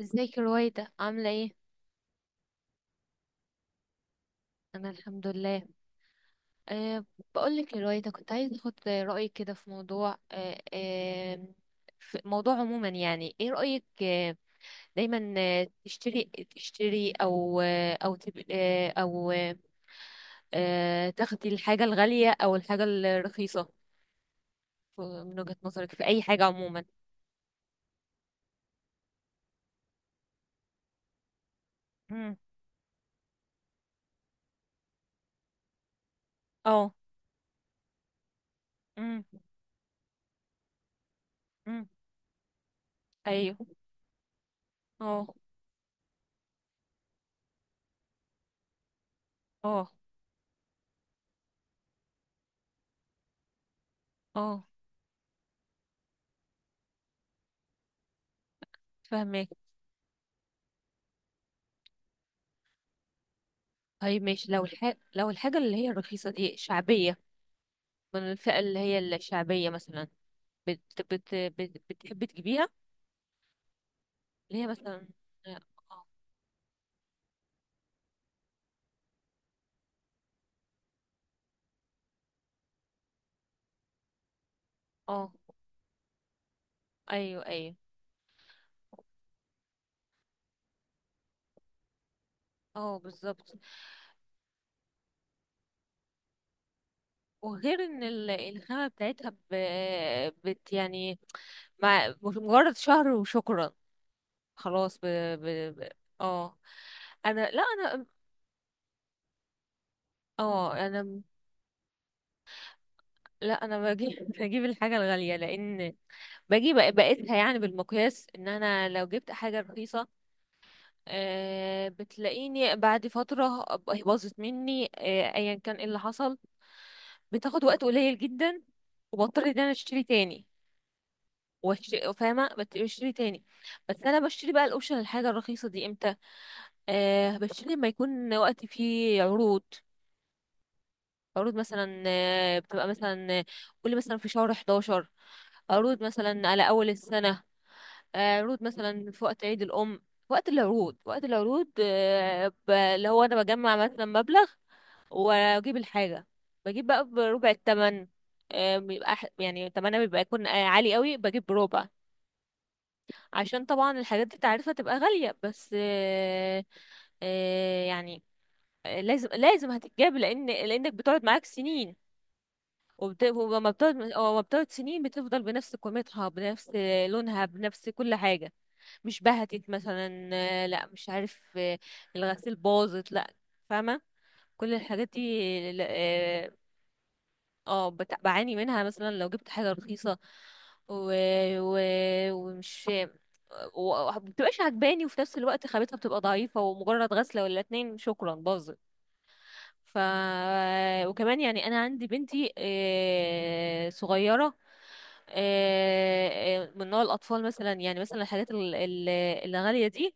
ازيك يا رويدة، عاملة ايه؟ أنا الحمد لله. أه. بقولك يا رويدة، كنت عايزة أخد رأيك كده في موضوع، أه أه في موضوع عموما. يعني ايه رأيك، دايما تشتري، أو، آه، تاخدي الحاجة الغالية أو الحاجة الرخيصة؟ من وجهة نظرك في أي حاجة عموما. مم. اه. مم. مم. أيوه. اه، اه، اه، فاهمك. طيب ماشي، لو لو الحاجة اللي هي الرخيصة دي شعبية، من الفئة اللي هي الشعبية مثلا، بتحب تجيبيها؟ اللي هي مثلا، اه، اه، ايوه، ايوه، اه، بالظبط. وغير ان الخامة بتاعتها، ب... بت يعني، مع مش مجرد شهر وشكرا خلاص. ب... ب... اه، انا، لا، انا لا انا بجيب بجيب الحاجه الغاليه، لان باجي بقيسها، يعني بالمقياس ان انا لو جبت حاجه رخيصه، بتلاقيني بعد فتره أبقى باظت مني، ايا كان ايه اللي حصل، بتاخد وقت قليل جدا، وبضطر ان انا اشتري تاني، بشتري تاني. بس انا بشتري بقى الاوبشن الحاجه الرخيصه دي امتى؟ أه، بشتري لما يكون وقت فيه عروض. عروض مثلا، بتبقى مثلا، قولي مثلا في شهر 11، عروض مثلا على أول السنة، عروض مثلا في وقت عيد الأم. وقت العروض، وقت العروض، اللي هو أنا بجمع مثلا مبلغ وأجيب الحاجة. بجيب بقى بربع التمن. بيبقى يعني تمنها بيبقى يكون، عالي قوي، بجيب بربع. عشان طبعا الحاجات دي تعرفها تبقى غالية بس، يعني، لازم هتتجاب، لأنك بتقعد معاك سنين، وبت... ولما بتقعد ولما بتقعد سنين بتفضل بنفس قيمتها، بنفس لونها، بنفس كل حاجة. مش بهتت مثلا، لا، مش عارف، الغسيل باظت، لا، فاهمة، كل الحاجات دي اه. بعاني منها مثلا لو جبت حاجة رخيصة، و... و... ومش ومبتبقاش عجباني، وفي نفس الوقت خامتها بتبقى ضعيفة، ومجرد غسلة ولا اتنين شكرا باظت. ف، وكمان يعني انا عندي بنتي، صغيره، من نوع الاطفال، مثلا يعني مثلا الحاجات الغاليه دي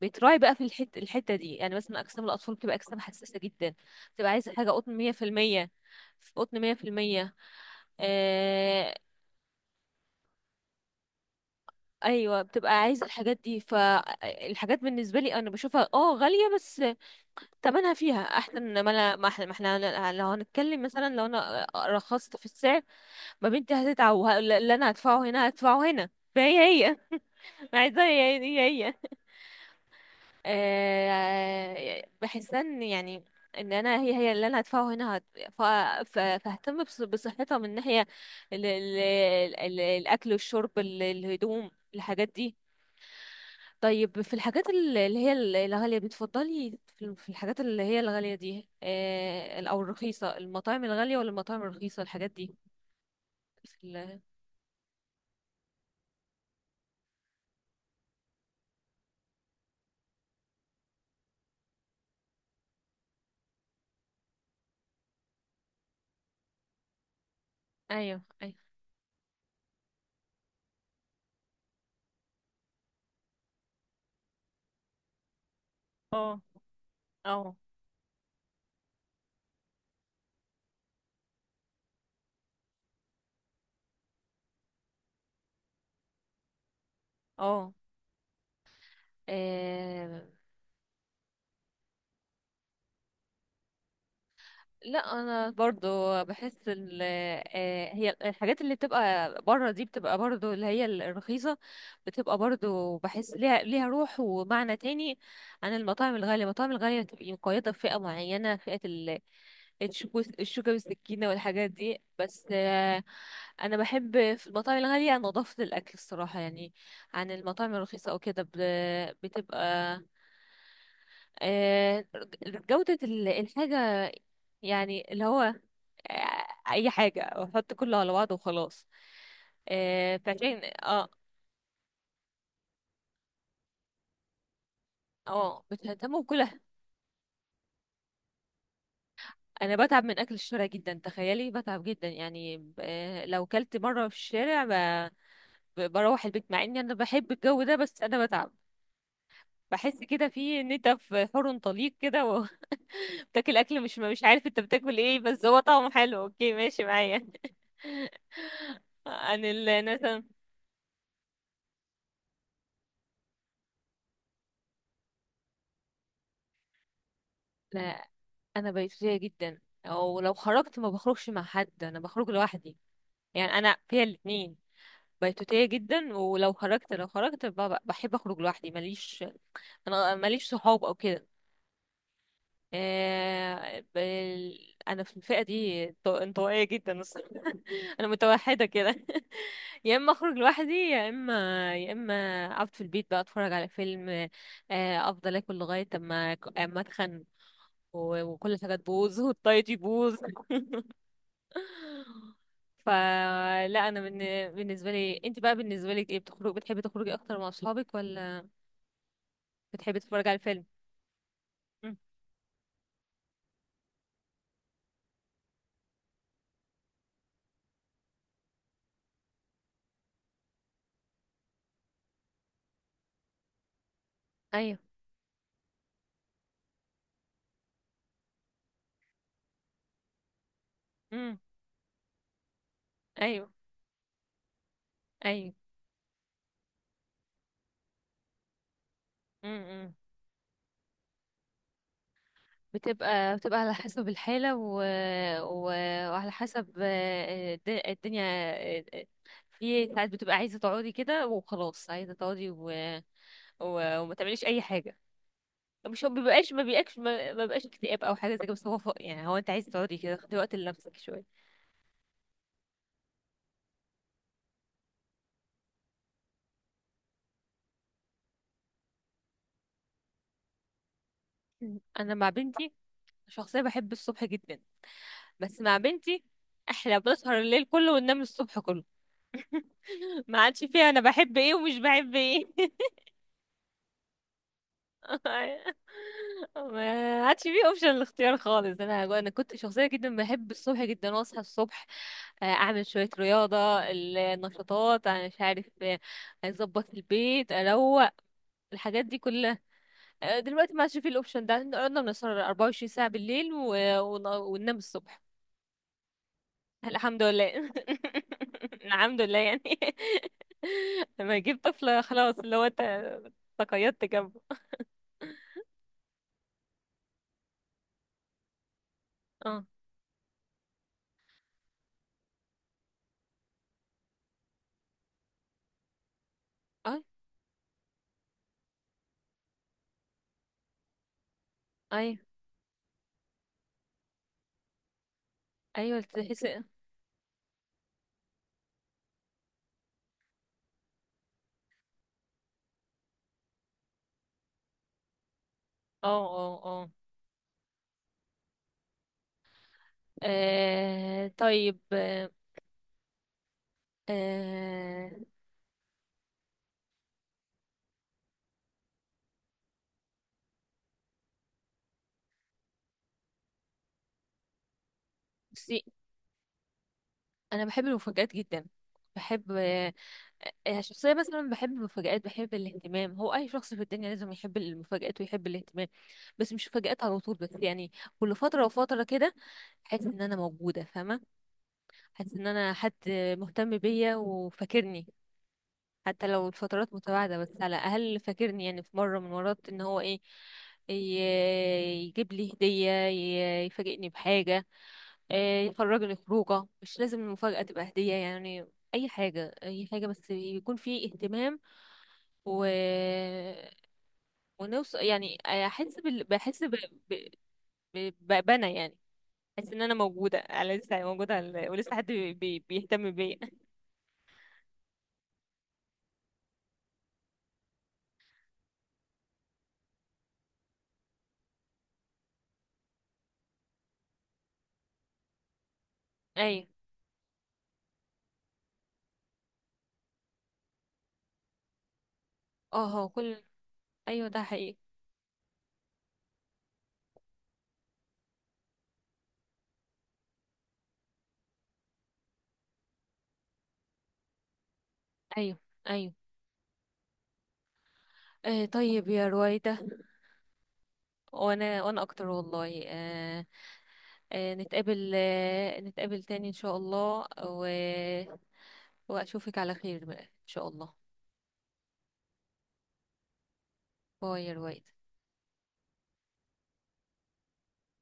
بتراعي بقى في الحته دي. يعني مثلا اجسام الاطفال بتبقى اجسام حساسه جدا، بتبقى عايزه حاجه قطن 100%، قطن 100%، آه، ايوه بتبقى عايزه الحاجات دي. فالحاجات بالنسبه لي انا بشوفها اه غاليه، بس تمنها فيها، احسن ما انا، ما احنا، ما احنا لو هنتكلم مثلا، لو انا رخصت في السعر، ما بنتي هتتعب، اللي انا هدفعه هنا هدفعه هنا. فهي، هي عايزاها، هي، بحس ان يعني ان انا، هي، هي اللي انا هدفعه هنا ف- فاهتم بصحتها، من ناحية ال- ال- الاكل والشرب، الهدوم، الحاجات دي. طيب في الحاجات اللي هي الغالية، بتفضلي في في الحاجات اللي هي الغالية دي، أو الرخيصة؟ المطاعم الغالية ولا المطاعم الرخيصة، الحاجات دي في أيوه، أيوه، اه، اه، اه، لا انا برضو بحس ال، هي الحاجات اللي بتبقى بره دي، بتبقى برضو اللي هي الرخيصة، بتبقى برضو بحس ليها روح ومعنى تاني، عن المطاعم الغالية. المطاعم الغالية بتبقى مقيدة بفئة معينة، فئة ال، الشوكة بالسكينة والحاجات دي. بس، أنا بحب في المطاعم الغالية نظافة الأكل الصراحة، يعني عن المطاعم الرخيصة أو كده بتبقى، آه، جودة الحاجة، يعني اللي هو، آه، اي حاجه واحط كله على بعضه وخلاص. فعشان اه. اه، بتهتموا بكلها. انا بتعب من اكل الشارع جدا، تخيلي، بتعب جدا. يعني لو كلت مره في الشارع، بروح البيت، مع اني انا بحب الجو ده، بس انا بتعب. بحس كده في ان انت في حر طليق كده وبتاكل اكل، مش، مش عارف انت بتاكل ايه، بس هو طعمه حلو، اوكي، ماشي معايا. عن ال مثلا، انا بيتوتية جدا، او لو خرجت ما بخرجش مع حد، انا بخرج لوحدي. يعني انا فيها الاتنين، بيتوتية جدا، ولو خرجت، لو خرجت بحب اخرج لوحدي، ماليش، انا ماليش صحاب او كده. انا في الفئة دي انطوائية جدا الصراحة. انا متوحدة كده. يا اما اخرج لوحدي، يا اما، يا اما اقعد في البيت بقى اتفرج على فيلم. افضل اكل لغاية اما، اما اتخن، وكل حاجة تبوظ والدايت يبوظ. فلا انا من، بالنسبه لي. انت بقى بالنسبه لك ايه، بتخرج، بتحبي تخرجي اكتر مع اصحابك، ولا بتحبي تتفرجي على الفيلم؟ مم. ايوه. امم. ايوه. ايوه. امم. بتبقى على حسب الحاله، و... وعلى حسب، الدنيا، آه، آه، في ساعات بتبقى عايزه تقعدي كده وخلاص، عايزه تقعدي وما تعمليش اي حاجه. مش هو بيبقاش، ما بيبقاش، ما بيبقاش اكتئاب او حاجه زي كده، بس هو يعني، هو انت عايزه تقعدي كده، تاخدي وقت لنفسك شويه. انا مع بنتي، شخصيه بحب الصبح جدا، بس مع بنتي احنا بنسهر الليل كله وننام الصبح كله. ما عادش فيها انا بحب ايه ومش بحب ايه. ما عادش فيه اوبشن الاختيار خالص، انا، انا كنت شخصيه جدا بحب الصبح جدا، واصحى الصبح، اعمل شويه رياضه، النشاطات، انا مش عارف، اظبط البيت، اروق، الحاجات دي كلها. دلوقتي ما عادش فيه الاوبشن ده، احنا قعدنا بنسهر 24 ساعه بالليل، وننام الصبح. الحمد لله. الحمد لله يعني. لما يجيب طفل خلاص اللي هو انت تقيدت جنبه. اه، اه، ايوه، ايوه، تحس اه، اه، اه، طيب، آه، بصي انا بحب المفاجآت جدا، بحب، شخصيا مثلا بحب المفاجآت، بحب الاهتمام. هو اي شخص في الدنيا لازم يحب المفاجآت ويحب الاهتمام، بس مش مفاجآت على طول. بس يعني كل فترة وفترة كده، احس ان انا موجودة، فاهمة، حاسس ان انا حد مهتم بيا وفاكرني، حتى لو الفترات متباعدة، بس على الاقل فاكرني، يعني في مرة من المرات ان هو ايه، ي- يجيب لي هدية، يفاجئني بحاجة، إيه، يخرجني خروجة. مش لازم المفاجأة تبقى هدية يعني، اي حاجة، اي حاجة، بس يكون في اهتمام، و، ونوصل، يعني احس بال... بحس ب... ب... ب... بأنا يعني، احس ان انا موجودة، على لسه موجودة، ولسه حد بيهتم بيا. ايوه. اه، هو كل، ايوه ده حقيقي. ايوه، ايوه، طيب يا رويدة. وانا، وانا اكتر والله، آه نتقابل، نتقابل تاني ان شاء الله، واشوفك على خير بقى ان شاء الله. باي يا رويدة.